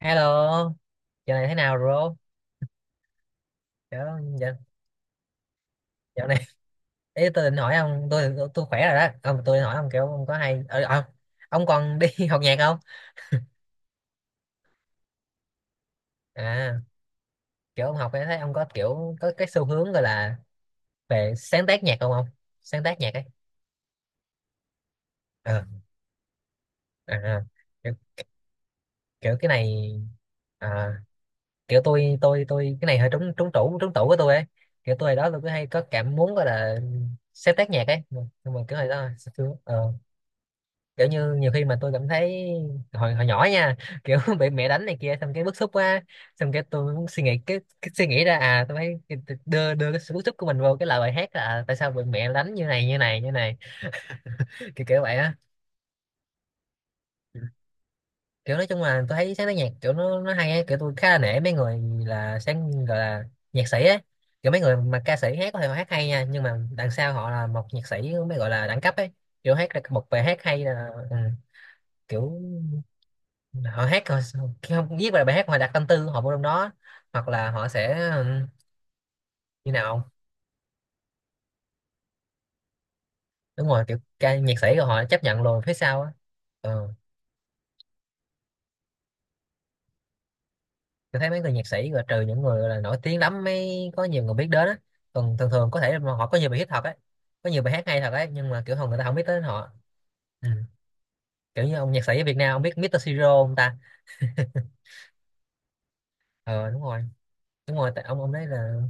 Hello, giờ này thế nào rồi? Dạo, giờ, dạo này ý tôi định hỏi ông, tôi khỏe rồi đó. Ông tôi định hỏi ông kiểu ông có hay ông còn đi học nhạc không? À, kiểu ông học ấy thấy ông có kiểu có cái xu hướng gọi là về sáng tác nhạc không ông? Sáng tác nhạc ấy. Ờ, à, à, kiểu, kiểu cái này à, kiểu tôi cái này hơi trúng trúng tủ của tôi ấy. Kiểu tôi hồi đó tôi cứ hay có cảm muốn gọi là sáng tác nhạc ấy, nhưng mà kiểu hồi đó kiểu như nhiều khi mà tôi cảm thấy hồi hồi nhỏ nha, kiểu bị mẹ đánh này kia xong cái bức xúc quá, xong cái tôi muốn suy nghĩ cái suy nghĩ ra à tôi phải đưa đưa cái sự bức xúc của mình vô cái lời bài hát là à, tại sao bị mẹ đánh như này như này như này, kiểu kiểu vậy á. Kiểu nói chung là tôi thấy sáng tác nhạc kiểu nó hay ấy. Kiểu tôi khá là nể mấy người là sáng gọi là nhạc sĩ ấy, kiểu mấy người mà ca sĩ hát có thể mà hát hay nha nhưng mà đằng sau họ là một nhạc sĩ mới gọi là đẳng cấp ấy. Kiểu hát được một bài hát hay là ừ, kiểu họ hát họ khi không viết bài bài hát họ đặt tâm tư của họ vô trong đó, hoặc là họ sẽ như nào không? Đúng rồi, kiểu ca nhạc sĩ rồi họ chấp nhận luôn phía sau á. Ừ. Tôi thấy mấy người nhạc sĩ rồi trừ những người gọi là nổi tiếng lắm mới có nhiều người biết đến á, còn thường thường có thể là họ có nhiều bài hit thật á, có nhiều bài hát hay thật ấy nhưng mà kiểu không, người ta không biết tới họ. Ừ. Kiểu như ông nhạc sĩ ở Việt Nam ông biết Mr. Siro không ta? Ờ đúng rồi, đúng rồi, tại ông đấy là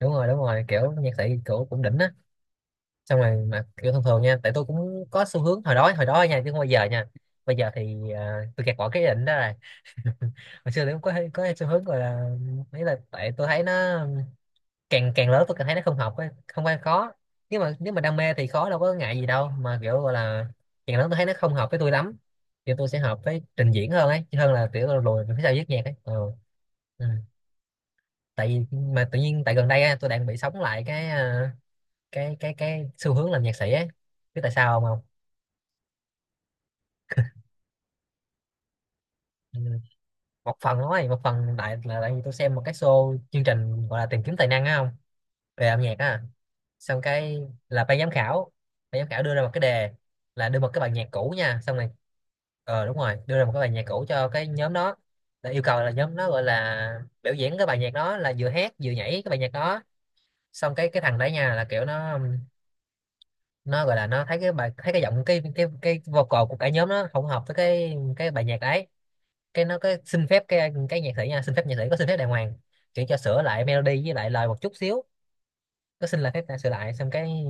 đúng rồi, đúng rồi, kiểu nhạc sĩ cổ cũng đỉnh á. Xong rồi mà kiểu thường thường nha, tại tôi cũng có xu hướng hồi đó nha, chứ không bao giờ nha, bây giờ thì à, tôi gạt bỏ cái ý định đó rồi. Hồi xưa thì cũng có xu hướng gọi là ấy là tại tôi thấy nó càng càng lớn tôi càng thấy nó không học ấy, không phải khó, nếu mà đam mê thì khó đâu có ngại gì đâu mà kiểu gọi là càng lớn tôi thấy nó không hợp với tôi lắm, kiểu tôi sẽ hợp với trình diễn hơn ấy chứ, hơn là kiểu là lùi về phía sau viết nhạc ấy. Ừ. Ừ. Tại vì mà tự nhiên tại gần đây á, tôi đang bị sống lại cái à, cái xu hướng làm nhạc sĩ ấy, biết tại sao không? Không? Ừ, một phần thôi, một phần tại là tại vì tôi xem một cái show chương trình gọi là tìm kiếm tài năng á, không về âm nhạc á, xong cái là ban giám khảo, ban giám khảo đưa ra một cái đề là đưa một cái bài nhạc cũ nha, xong rồi ờ đúng rồi, đưa ra một cái bài nhạc cũ cho cái nhóm đó, là yêu cầu là nhóm đó gọi là biểu diễn cái bài nhạc đó là vừa hát vừa nhảy cái bài nhạc đó, xong cái thằng đấy nha là kiểu nó gọi là nó thấy cái bài, thấy cái giọng cái vocal của cả nhóm nó không hợp với cái bài nhạc đấy, cái nó có xin phép cái nhạc sĩ nha, xin phép nhạc sĩ, có xin phép đàng hoàng kiểu cho sửa lại melody với lại lời một chút xíu, có xin là phép ta sửa lại, xong cái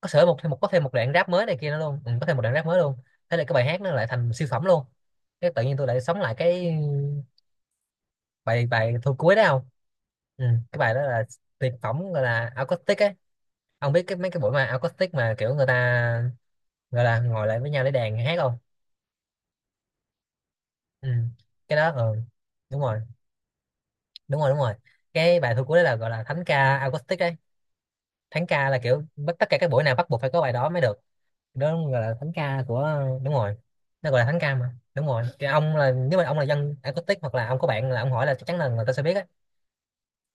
có sửa một thêm một, có thêm một đoạn rap mới này kia nữa luôn, ừ, có thêm một đoạn rap mới luôn. Thế là cái bài hát nó lại thành siêu phẩm luôn, cái tự nhiên tôi lại sống lại cái bài, thu cuối đó không? Ừ, cái bài đó là tuyệt phẩm gọi là acoustic ấy. Ông biết cái mấy cái buổi mà acoustic mà kiểu người ta gọi là ngồi lại với nhau để đàn hát không? Ừ. Cái đó ừ đúng rồi, đúng rồi, đúng rồi, cái bài thu cuối đấy là gọi là thánh ca acoustic đấy. Thánh ca là kiểu tất cả các buổi nào bắt buộc phải có bài đó mới được, đó gọi là thánh ca của, đúng rồi, nó gọi là thánh ca mà, đúng rồi. Cái ông là nếu mà ông là dân acoustic hoặc là ông có bạn là ông hỏi là chắc chắn là người ta sẽ biết á.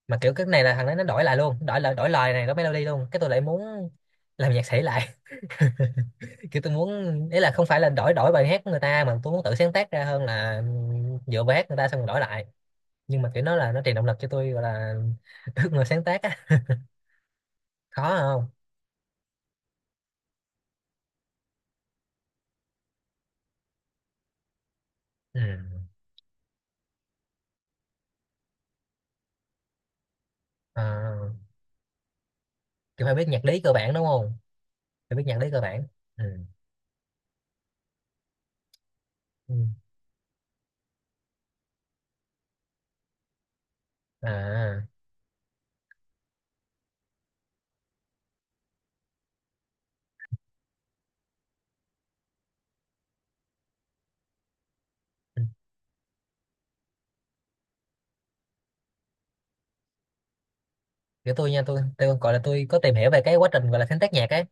Mà kiểu cái này là thằng đấy nó đổi lại luôn, đổi lại đổi lời này, đổi melody luôn, cái tôi lại muốn làm nhạc sĩ lại. Kiểu tôi muốn, ý là không phải là đổi đổi bài hát của người ta mà tôi muốn tự sáng tác ra hơn là dựa bài hát người ta xong rồi đổi lại, nhưng mà kiểu nó là nó truyền động lực cho tôi gọi là ước mơ sáng tác á. Khó không? Ừ. À, kiểu phải biết nhạc lý cơ bản đúng không? Phải biết nhạc lý cơ bản. Ừ. Ừ. À. Ừ. Kiểu tôi nha, tôi gọi là tôi có tìm hiểu về cái quá trình gọi là sáng tác nhạc ấy,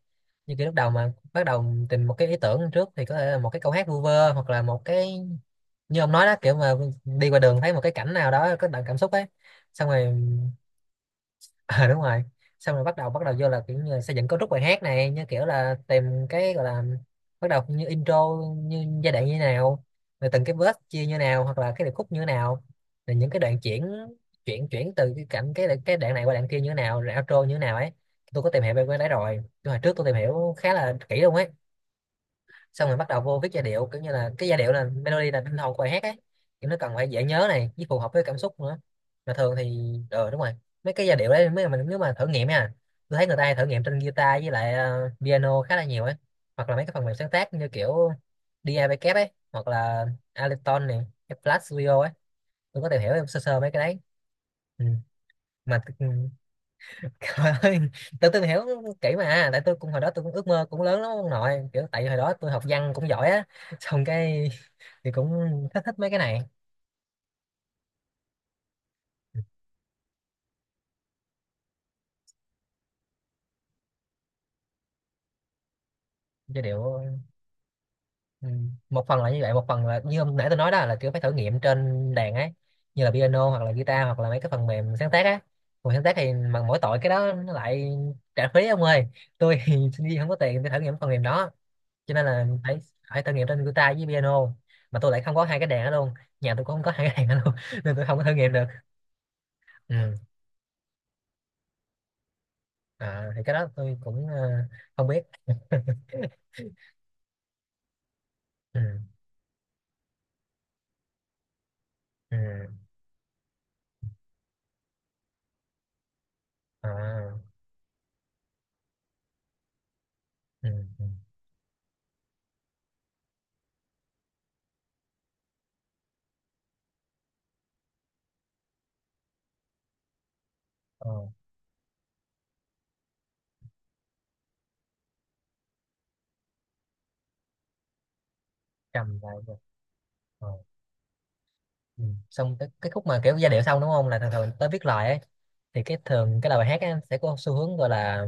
như kiểu lúc đầu mà bắt đầu tìm một cái ý tưởng trước thì có thể là một cái câu hát vu vơ hoặc là một cái như ông nói đó, kiểu mà đi qua đường thấy một cái cảnh nào đó có đậm cảm xúc ấy, xong rồi à, đúng rồi, xong rồi bắt đầu vô là kiểu như là xây dựng cấu trúc bài hát này, như kiểu là tìm cái gọi là bắt đầu như intro như giai đoạn như thế nào, rồi từng cái verse chia như nào hoặc là cái điệp khúc như thế nào, rồi những cái đoạn chuyển, chuyển từ cái cảnh cái đoạn này qua đoạn kia như thế nào, rồi outro như thế nào ấy. Tôi có tìm hiểu về cái đấy rồi, tôi hồi trước tôi tìm hiểu khá là kỹ luôn ấy, xong rồi bắt đầu vô viết giai điệu, kiểu như là cái giai điệu là melody là tinh hồn của bài hát ấy, kiểu nó cần phải dễ nhớ này với phù hợp với cảm xúc nữa. Mà thường thì ờ đúng rồi, mấy cái giai điệu đấy mấy mình nếu mà thử nghiệm nha, tôi thấy người ta hay thử nghiệm trên guitar với lại piano khá là nhiều ấy, hoặc là mấy cái phần mềm sáng tác như kiểu DAW ấy, hoặc là Ableton này, Flash Studio ấy, tôi có tìm hiểu sơ sơ mấy cái đấy. Ừ. mà ừ, ơi, tôi hiểu kỹ mà, tại tôi cũng hồi đó tôi cũng ước mơ cũng lớn lắm ông nội, kiểu tại vì hồi đó tôi học văn cũng giỏi á, xong cái thì cũng thích thích mấy cái này. Giai điệu ừ, một phần là như vậy, một phần là như hôm nãy tôi nói đó là kiểu phải thử nghiệm trên đàn ấy, như là piano hoặc là guitar hoặc là mấy cái phần mềm sáng tác á, còn sáng tác thì mà mỗi tội cái đó nó lại trả phí ông ơi. Tôi thì sinh viên không có tiền để thử nghiệm phần mềm đó, cho nên là phải phải thử nghiệm trên guitar với piano, mà tôi lại không có hai cái đàn đó luôn, nhà tôi cũng không có hai cái đàn đó luôn nên tôi không có thử nghiệm được. Ừ. À, thì cái đó tôi cũng không biết. Ừ. Ừ. À. Ừ. Ừ. Ờ, cầm lại rồi. Ờ. Ừ. Xong cái khúc mà kiểu giai điệu xong đúng không là thường thường tới viết lời ấy. Thì cái thường cái lời bài hát ấy sẽ có xu hướng gọi là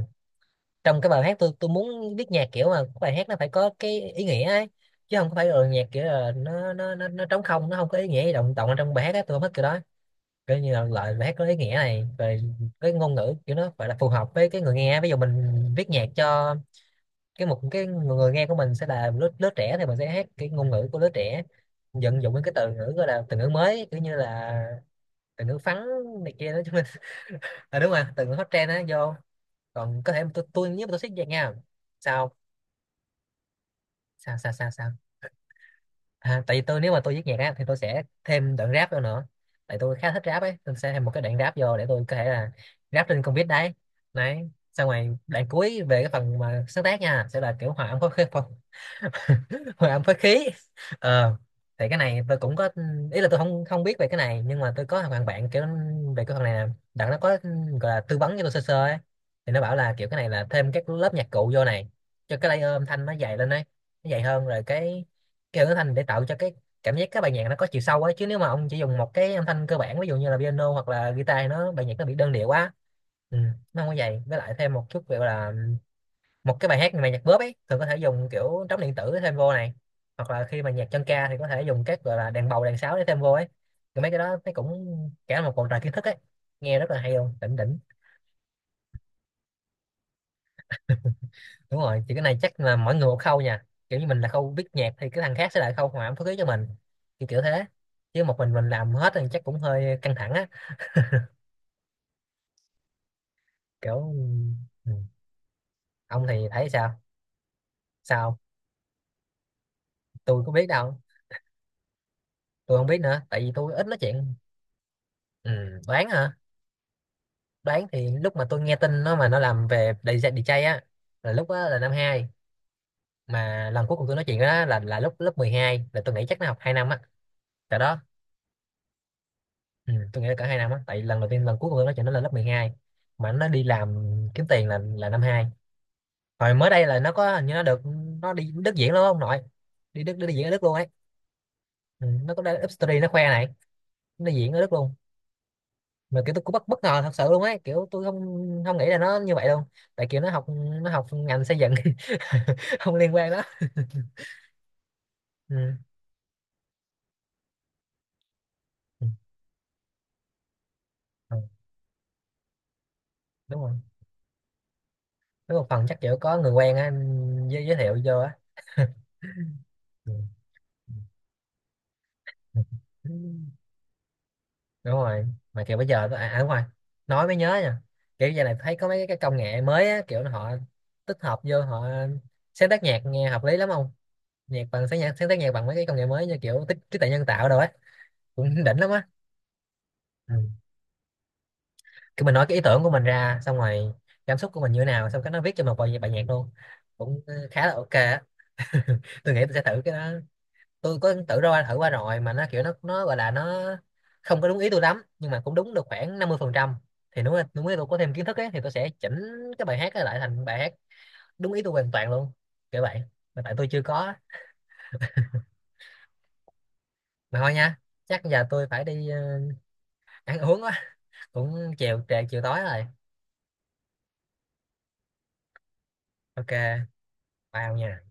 trong cái bài hát, tôi muốn viết nhạc kiểu mà bài hát nó phải có cái ý nghĩa ấy, chứ không có phải là nhạc kiểu là nó trống không, nó không có ý nghĩa gì, động động ở trong bài hát ấy. Tôi không thích kiểu đó, kiểu như là loại bài hát có ý nghĩa này rồi. Cái ngôn ngữ kiểu nó phải là phù hợp với cái người nghe. Ví dụ mình viết nhạc cho cái một cái người nghe của mình sẽ là lứa lứa trẻ thì mình sẽ hát cái ngôn ngữ của lứa trẻ, vận dụng những cái từ ngữ, gọi là từ ngữ mới, kiểu như là từ ngữ phắn này kia đó chúng mình. À, đúng rồi, từ ngữ hot trend á vô. Còn có thể tôi nhớ tôi thích vậy nha. Sao sao sao sao sao? À, tại vì tôi, nếu mà tôi viết nhạc á thì tôi sẽ thêm đoạn rap vô nữa. Tại tôi khá thích rap ấy, tôi sẽ thêm một cái đoạn rap vô để tôi có thể là rap trên con beat đấy. Đấy, xong rồi đoạn cuối về cái phần mà sáng tác nha sẽ là kiểu hòa âm phối khí. Hòa âm phối khí. ờ thì cái này tôi cũng có ý là tôi không không biết về cái này, nhưng mà tôi có thằng bạn kiểu về cái phần này nè, đặng nó có gọi là tư vấn cho tôi sơ sơ ấy. Thì nó bảo là kiểu cái này là thêm các lớp nhạc cụ vô này, cho cái layer âm thanh nó dày lên đấy, nó dày hơn rồi cái kiểu âm thanh để tạo cho cái cảm giác các bài nhạc nó có chiều sâu ấy. Chứ nếu mà ông chỉ dùng một cái âm thanh cơ bản, ví dụ như là piano hoặc là guitar, thì nó bài nhạc nó bị đơn điệu quá. Ừ, nó không có vậy, với lại thêm một chút kiểu là một cái bài hát mà nhạc bóp ấy thường có thể dùng kiểu trống điện tử thêm vô này, hoặc là khi mà nhạc chân ca thì có thể dùng các gọi là đàn bầu, đàn sáo để thêm vô ấy. Thì mấy cái đó thấy cũng cả một bầu trời kiến thức ấy, nghe rất là hay luôn, đỉnh đỉnh. Đúng rồi, thì cái này chắc là mỗi người một khâu nha, kiểu như mình là khâu viết nhạc thì cái thằng khác sẽ là khâu hòa âm phối khí cho mình, kiểu kiểu thế. Chứ một mình làm hết thì chắc cũng hơi căng thẳng á, kiểu. Ừ. Ông thì thấy sao? Sao? Tôi có biết đâu, tôi không biết nữa tại vì tôi ít nói chuyện. Ừ. Đoán hả? Đoán thì lúc mà tôi nghe tin nó mà nó làm về đi gi đi DJ á là lúc đó là năm hai. Mà lần cuối cùng tôi nói chuyện đó là lúc lớp 12, là tôi nghĩ chắc nó học 2 năm á tại đó. Ừ, tôi nghĩ là cả 2 năm á, tại lần đầu tiên lần cuối cùng tôi nói chuyện nó là lớp 12. Mà nó đi làm kiếm tiền là năm hai. Hồi mới đây là nó có, hình như nó được, nó đi Đức diễn luôn không nội, đi Đức đi diễn ở Đức luôn ấy. Ừ, nó có up story nó khoe này, nó đi diễn ở Đức luôn. Mà kiểu tôi cũng bất bất ngờ thật sự luôn ấy, kiểu tôi không không nghĩ là nó như vậy luôn. Tại kiểu nó học, nó học ngành xây dựng. Không liên quan đó. Ừ. Ừ. Ừ, đúng rồi, với một phần chắc kiểu có người quen á, giới thiệu vô á. Ừ. Ừ. Ừ. Đúng rồi. Mà kiểu bây giờ tôi à đúng rồi, nói mới nhớ nha. Kiểu giờ này thấy có mấy cái công nghệ mới á, kiểu họ tích hợp vô họ sáng tác nhạc, nghe hợp lý lắm không. Nhạc bằng sáng, nhạc sáng tác nhạc bằng mấy cái công nghệ mới như kiểu tích trí tuệ nhân tạo đồ á, cũng đỉnh lắm á. Ừ. Kiểu mình nói cái ý tưởng của mình ra xong rồi cảm xúc của mình như thế nào xong cái nó viết cho một bài bài nhạc luôn, cũng khá là ok á. Tôi nghĩ tôi sẽ thử cái đó. Tôi có tự ra thử qua rồi mà nó kiểu nó gọi là nó không có đúng ý tôi lắm, nhưng mà cũng đúng được khoảng 50%. Thì nếu mà đúng ý tôi có thêm kiến thức ấy thì tôi sẽ chỉnh cái bài hát ấy lại thành bài hát đúng ý tôi hoàn toàn luôn, kiểu vậy. Mà tại tôi chưa có. Mà thôi nha, chắc giờ tôi phải đi ăn uống á, cũng chiều trễ chiều tối rồi. Ok, bye ông nha.